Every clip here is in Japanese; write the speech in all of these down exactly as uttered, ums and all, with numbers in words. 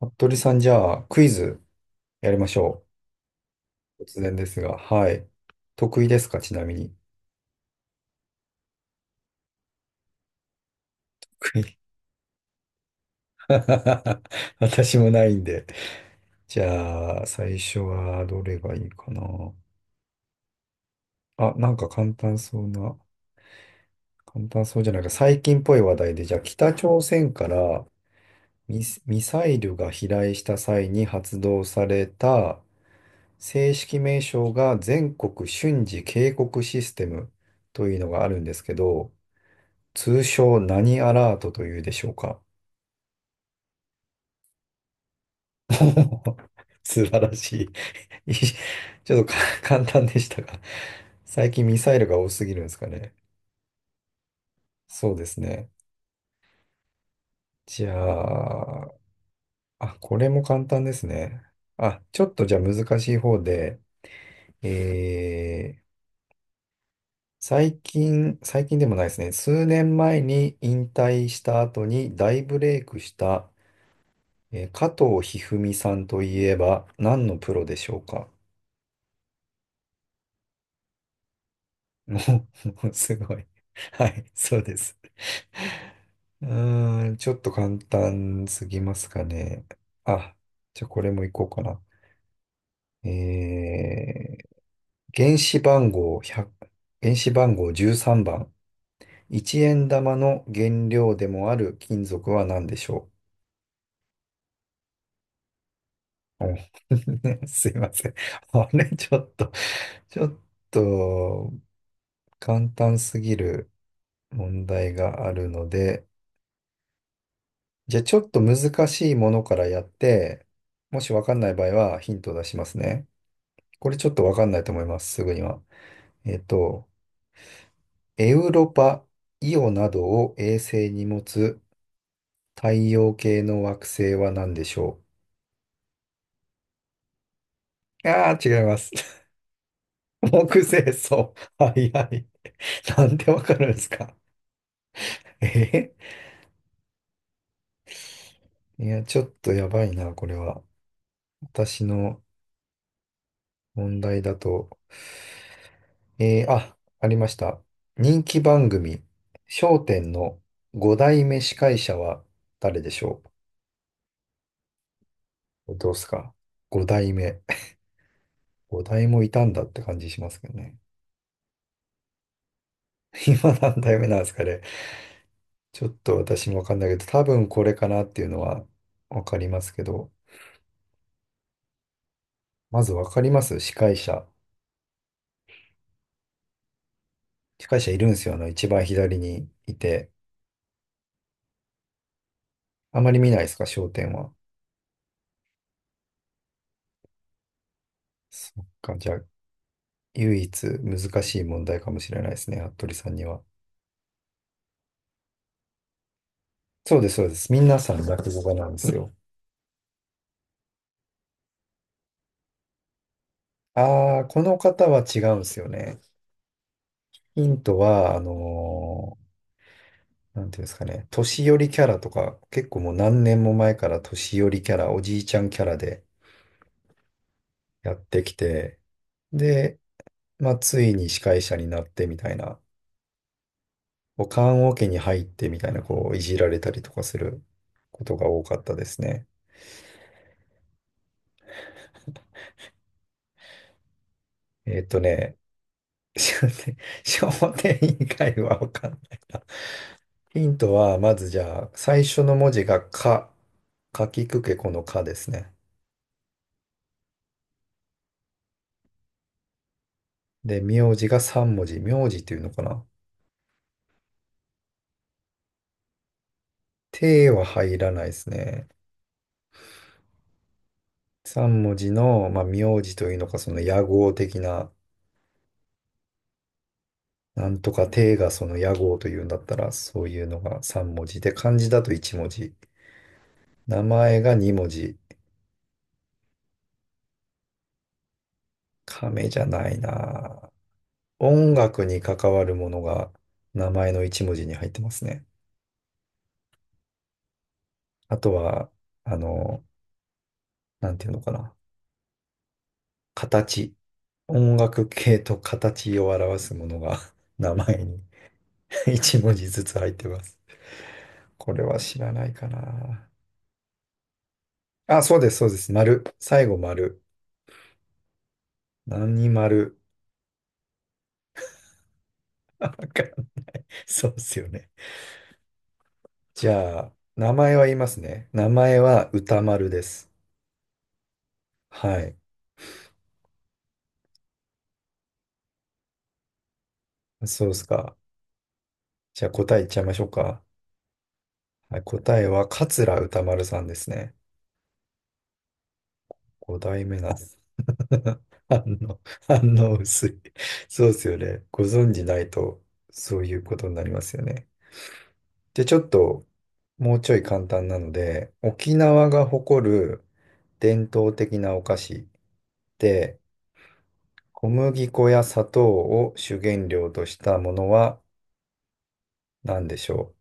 服部さん、じゃあ、クイズやりましょう。突然ですが、はい。得意ですか、ちなみに。得意 私もないんで。じゃあ、最初はどれがいいかな。あ、なんか簡単そうな、簡単そうじゃないか。最近っぽい話題で、じゃあ、北朝鮮からミス、ミサイルが飛来した際に発動された正式名称が全国瞬時警告システムというのがあるんですけど、通称何アラートというでしょうか？素晴らしい。ちょっとか簡単でしたが、最近ミサイルが多すぎるんですかね。そうですね。じゃあ、あ、これも簡単ですね。あ、ちょっとじゃあ難しい方で、えー、最近、最近でもないですね。数年前に引退した後に大ブレイクした、えー加藤一二三さんといえば何のプロでしょうか？ もう、もうすごい。はい、そうです。うーん、ちょっと簡単すぎますかね。あ、じゃあこれもいこうかな。えー、原子番号いち原子番号じゅうさんばん。いちえん玉の原料でもある金属は何でしょう？お すいません。あれ、ちょっと、ちょっと簡単すぎる問題があるので、じゃあちょっと難しいものからやって、もしわかんない場合はヒントを出しますね。これちょっとわかんないと思います、すぐには。えっと、エウロパ、イオなどを衛星に持つ太陽系の惑星は何でしょう？ああー、違います。木星そう。はいはい。なんでわかるんですか？えーいや、ちょっとやばいな、これは。私の問題だと。えーあ、ありました。人気番組、笑点のご代目司会者は誰でしょう？どうっすか？ ご 代目。ご代もいたんだって感じしますけどね。今何代目なんですかね。ちょっと私もわかんないけど、多分これかなっていうのはわかりますけど、まずわかります司会者。司会者いるんですよ。あの、一番左にいて。あまり見ないですか笑点は？そっか。じゃあ、唯一難しい問題かもしれないですね。服部さんには。そうです、そうです。皆さん落語家なんですよ。ああ、この方は違うんですよね。ヒントは、あのーなんていうんですかね、年寄りキャラとか、結構もう何年も前から年寄りキャラ、おじいちゃんキャラでやってきて、で、まあ、ついに司会者になってみたいな、こう棺桶に入ってみたいな、こう、いじられたりとかすることが多かったですね。えっとね、商店、商店以外はわかんないな。ヒントは、まずじゃあ、最初の文字がか、かきくけこのかですね。で、名字が三文字。名字っていうのかな？ては入らないですね。三文字の、まあ、名字というのか、その野号的な、なんとかてがその野号というんだったら、そういうのが三文字で、漢字だと一文字。名前が二文字。亀じゃないな。音楽に関わるものが名前の一文字に入ってますね。あとは、あの、なんていうのかな。形。音楽系と形を表すものが 名前に 一文字ずつ入ってます。これは知らないかな。あ、そうです、そうです。丸。最後丸。何丸。わかんない。そうですよね。じゃあ、名前は言いますね。名前は歌丸です。はい。そうですか。じゃあ答え言っちゃいましょうか。はい、答えは桂歌丸さんですね。ご代目なんです。反応、反応薄い。そうですよね。ご存じないと、そういうことになりますよね。で、ちょっと、もうちょい簡単なので、沖縄が誇る伝統的なお菓子で、小麦粉や砂糖を主原料としたものは何でしょ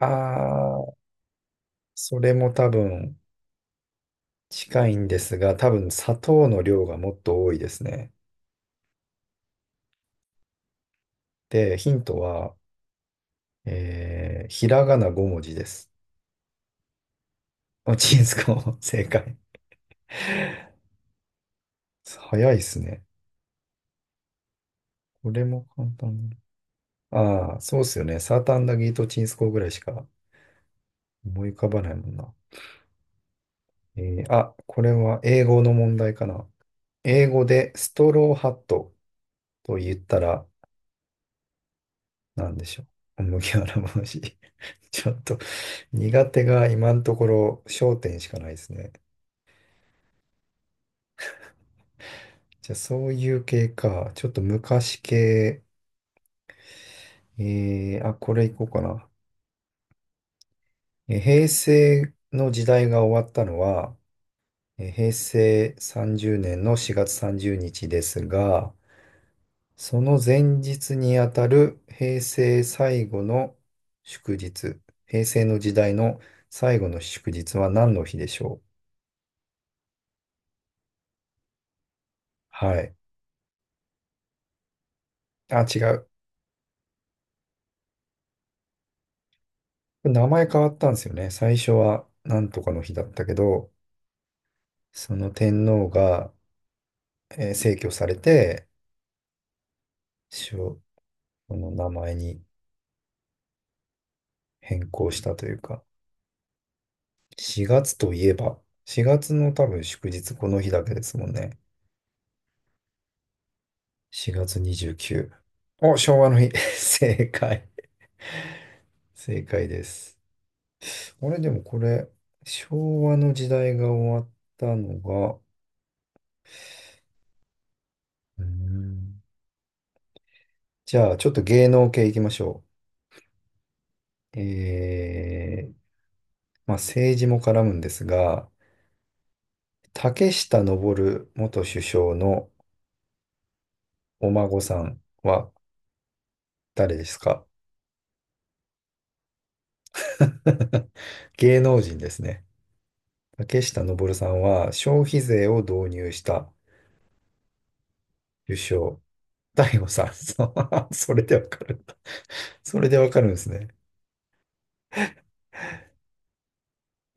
う？あー、それも多分近いんですが、多分砂糖の量がもっと多いですね。で、ヒントは、えー、ひらがなご文字です。あ、チンスコ、正解。早いっすね。これも簡単な。ああ、そうっすよね。サーターアンダギーとチンスコーぐらいしか思い浮かばないもんな。えーあ、これは英語の問題かな。英語でストローハットと言ったら何でしょう。麦わら帽子。ちょっと苦手が今のところ焦点しかないですね。じゃあそういう系か。ちょっと昔系。えー、あ、これいこうかな。えー平成の時代が終わったのは、えー平成さんじゅうねんのしがつさんじゅうにちですが、その前日にあたる平成最後の祝日、平成の時代の最後の祝日は何の日でしょう？はい。あ、違う。名前変わったんですよね。最初は何とかの日だったけど、その天皇が、えー逝去されて、しょこの名前に。変更したというか、しがつといえば、しがつの多分祝日この日だけですもんね。しがつにじゅうく。お、昭和の日。正解。正解です。俺でもこれ、昭和の時代が終わったのが、うーんじゃあちょっと芸能系いきましょう。えー、まあ政治も絡むんですが、竹下登元首相のお孫さんは誰ですか？ 芸能人ですね。竹下登さんは消費税を導入した首相。大悟さん、そう それでわかるんだ。それでわかるんですね。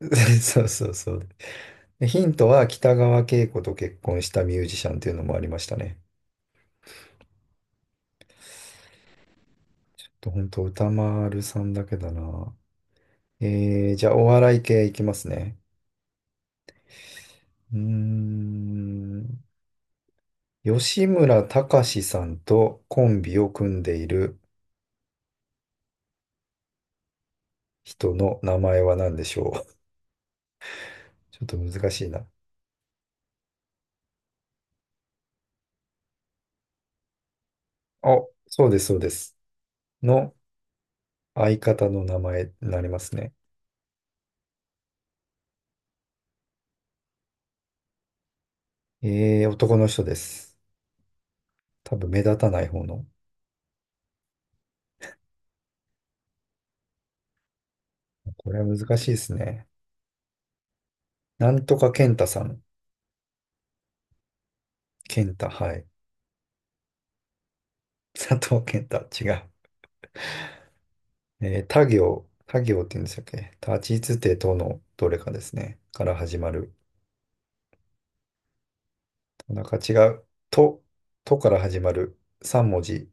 そうそうそう。でヒントは北川景子と結婚したミュージシャンっていうのもありましたね。ちょっと本当歌丸さんだけだな。えー、じゃあお笑い系いきますね。うーん。吉村崇さんとコンビを組んでいる人の名前は何でしょう？ちょっと難しいな。あ、そうです、そうです。の相方の名前になりますね。えー、男の人です。多分目立たない方の。これは難しいですね。なんとか健太さん。健太、はい。佐藤健太、違う。えー、他行、他行って言うんでしたっけ？立ちつてとのどれかですね。から始まる。なんか違う。と、とから始まる。さん文字。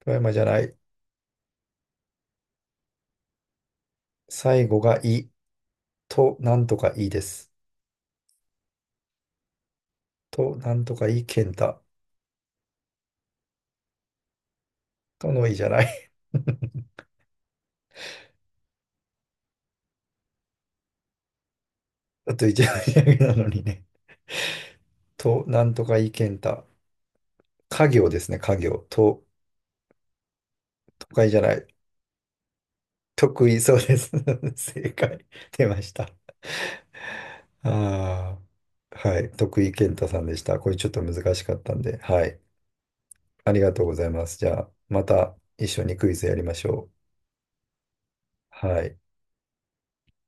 富山じゃない。最後がい。と、なんとかいいです。と、なんとかいい健太。とのいじゃない。だといじゃないだけなのにね。と、なんとかいけんた。家業ですね、家業。と、都会じゃない。得意そうです。正解。出ました。ああ、はい。徳井健太さんでした。これちょっと難しかったんで。はい。ありがとうございます。じゃあ、また一緒にクイズやりましょう。はい。